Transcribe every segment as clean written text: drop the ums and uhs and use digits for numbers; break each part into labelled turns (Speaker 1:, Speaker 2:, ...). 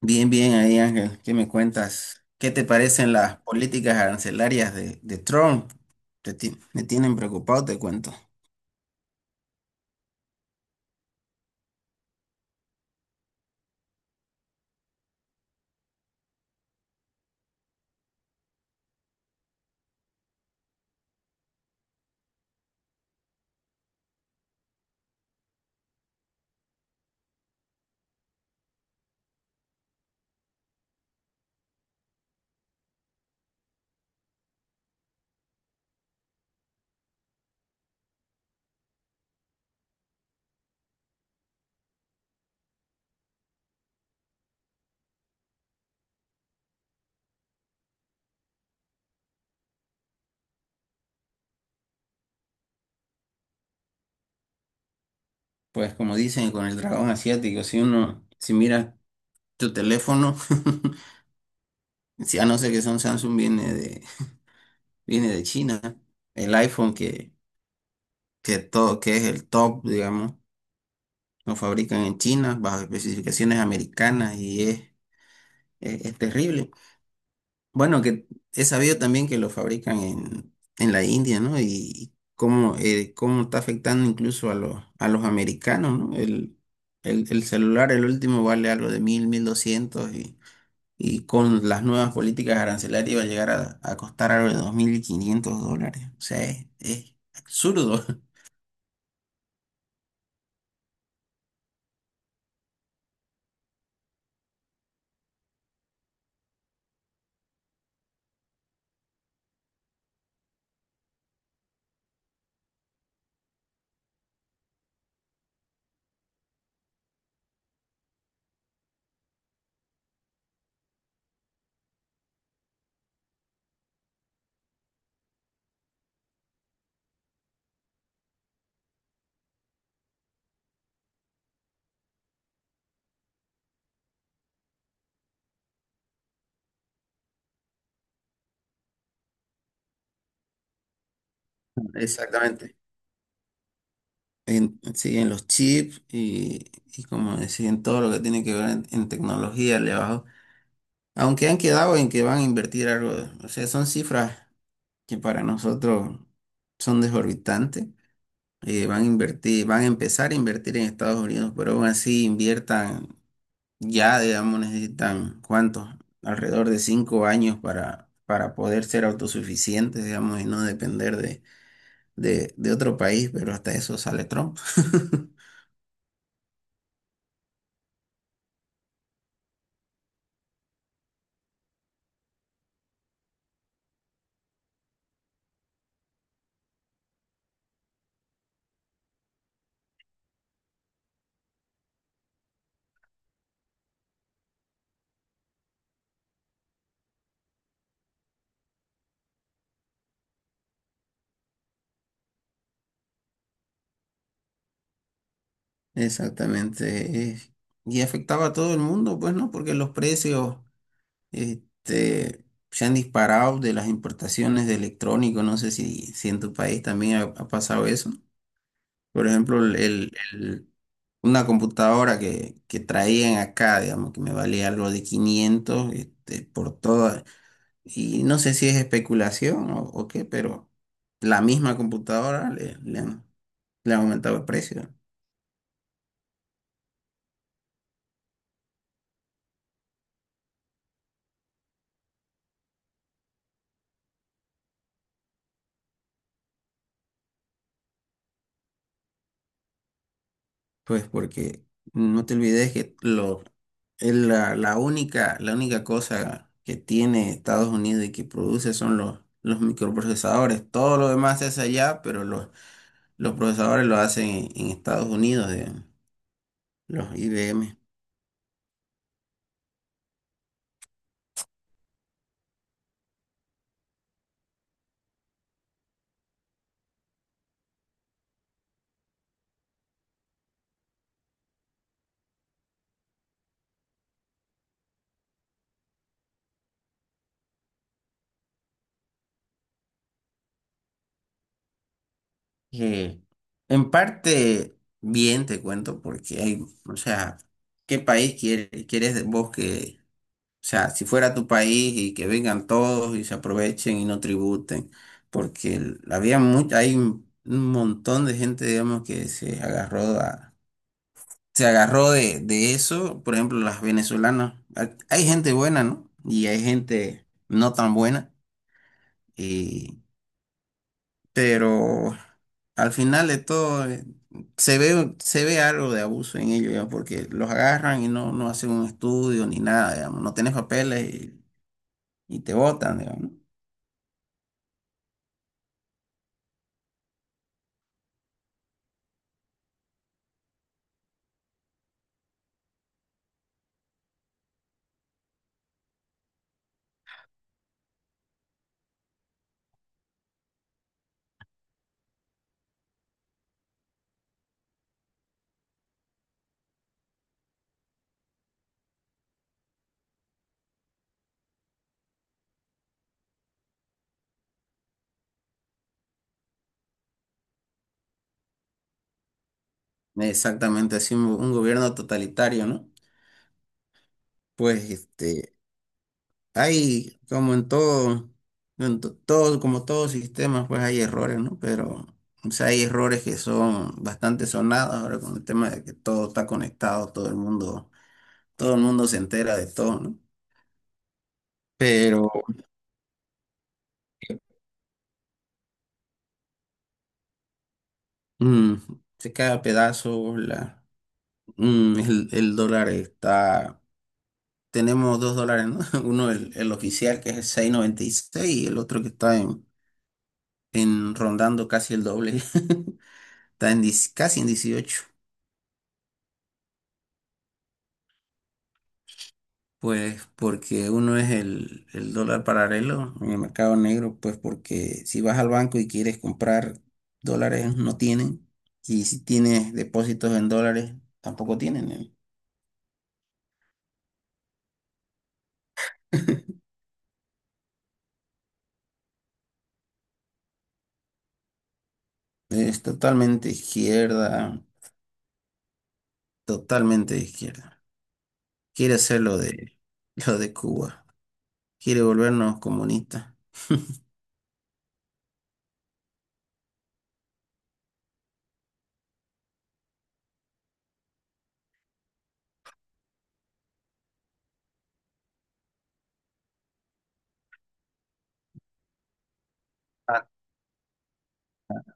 Speaker 1: Bien, bien, ahí Ángel, ¿qué me cuentas? ¿Qué te parecen las políticas arancelarias de Trump? Me tienen preocupado, te cuento. Pues como dicen, con el dragón asiático, si mira tu teléfono, si a no ser que son Samsung, viene de China. El iPhone que todo, que es el top, digamos, lo fabrican en China bajo especificaciones americanas y es terrible. Bueno, que he sabido también que lo fabrican en la India, ¿no? Y cómo, cómo está afectando incluso a a los americanos, ¿no? El celular, el último, vale algo de 1.200, y con las nuevas políticas arancelarias va a llegar a costar algo de 2.500 dólares. O sea, es absurdo. Exactamente. En, sí, en los chips y como decía, en todo lo que tiene que ver en tecnología, le bajó. Aunque han quedado en que van a invertir algo, o sea, son cifras que para nosotros son desorbitantes. Van a invertir, van a empezar a invertir en Estados Unidos, pero aún así inviertan ya, digamos, necesitan cuántos, alrededor de 5 años para poder ser autosuficientes, digamos, y no depender de otro país, pero hasta eso sale Trump. Exactamente. Y afectaba a todo el mundo, pues, ¿no? Porque los precios. Este, se han disparado de las importaciones de electrónicos. No sé si, si en tu país también ha pasado eso. Por ejemplo, una computadora que traían acá, digamos, que me valía algo de quinientos, este, por toda. Y no sé si es especulación o qué, pero la misma computadora le han aumentado el precio. Pues porque no te olvides que lo, es la única cosa que tiene Estados Unidos y que produce son los microprocesadores. Todo lo demás se hace allá, pero los procesadores lo hacen en Estados Unidos, digamos, los IBM. Que en parte bien te cuento, porque hay, o sea, ¿quieres vos que? O sea, si fuera tu país y que vengan todos y se aprovechen y no tributen, porque había mucha, hay un montón de gente, digamos, que se agarró a- se agarró de eso, por ejemplo, las venezolanas. Hay gente buena, ¿no? Y hay gente no tan buena, y, pero al final de todo, se ve algo de abuso en ellos, ya, porque los agarran y no, no hacen un estudio ni nada, digamos, no tenés papeles, y te botan, digamos, ¿no? Exactamente, así un gobierno totalitario, ¿no? Pues este, hay como en todo, todo, como todo sistema, pues hay errores, ¿no? Pero o sea, hay errores que son bastante sonados ahora con el tema de que todo está conectado, todo el mundo se entera de todo, ¿no? Pero mm, se cae a pedazos la, mm, el dólar está, tenemos dos dólares, ¿no? Uno, el oficial, que es el 6.96 y seis, y el otro que está en rondando casi el doble, está en 10, casi en 18, pues porque uno es el dólar paralelo en el mercado negro, pues porque si vas al banco y quieres comprar dólares, no tienen, y si tienes depósitos en dólares tampoco tienen, ¿eh? Es totalmente izquierda, totalmente de izquierda. Quiere hacer lo de Cuba, quiere volvernos comunistas.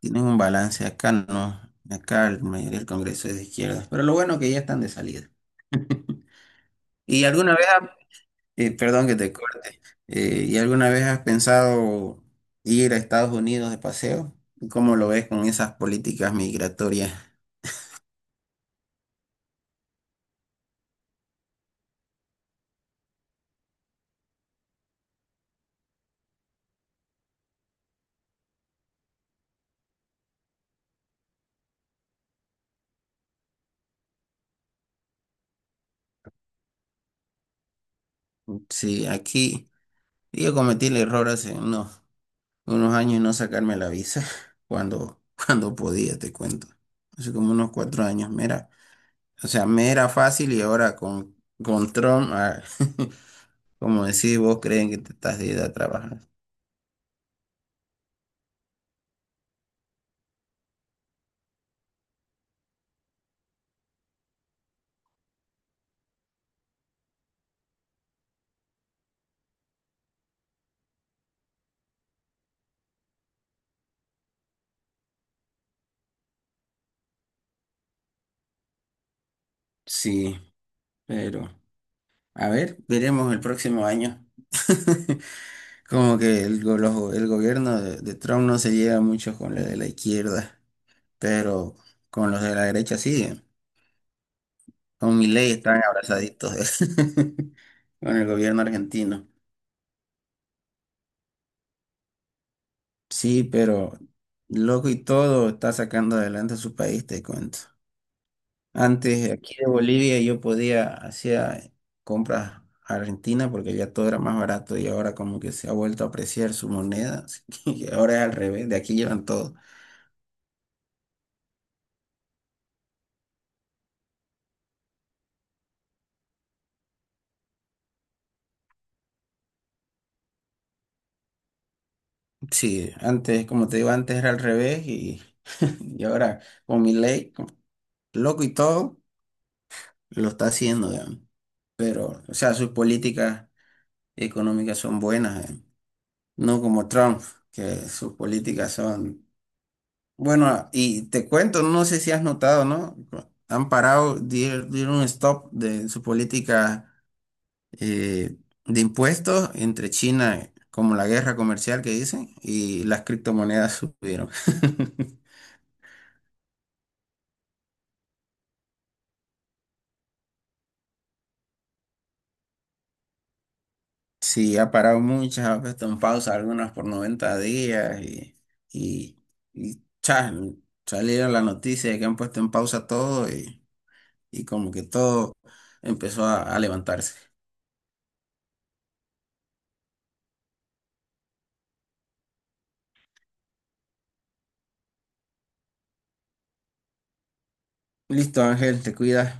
Speaker 1: Tienen un balance, acá no, acá la mayoría del Congreso es de izquierda, pero lo bueno que ya están de salida. ¿Y alguna vez, ha- perdón que te corte, ¿y alguna vez has pensado ir a Estados Unidos de paseo? ¿Cómo lo ves con esas políticas migratorias? Sí, aquí yo cometí el error hace unos años no sacarme la visa cuando, cuando podía, te cuento. Hace como unos 4 años, mira. O sea, me era fácil y ahora con Trump, ah, como decís, vos creen que te estás de ir a trabajar. Sí, pero a ver, veremos el próximo año. Como que el gobierno de Trump no se lleva mucho con los de la izquierda, pero con los de la derecha sí. Con Milei están abrazaditos con el gobierno argentino. Sí, pero loco y todo, está sacando adelante a su país, te cuento. Antes aquí de Bolivia yo podía hacía compras a Argentina porque ya todo era más barato y ahora como que se ha vuelto a apreciar su moneda, así que ahora es al revés, de aquí llevan todo. Sí, antes, como te digo, antes era al revés, y y ahora con mi ley, loco y todo, lo está haciendo, digamos. Pero, o sea, sus políticas económicas son buenas, digamos. No como Trump, que sus políticas son. Bueno, y te cuento, no sé si has notado, ¿no? Han parado, dieron un stop de su política eh, de impuestos entre China, como la guerra comercial que dicen, y las criptomonedas subieron. Sí, ha parado muchas, ha puesto en pausa algunas por 90 días, y, y cha, salieron la noticia de que han puesto en pausa todo, y como que todo empezó a levantarse. Listo, Ángel, te cuidas.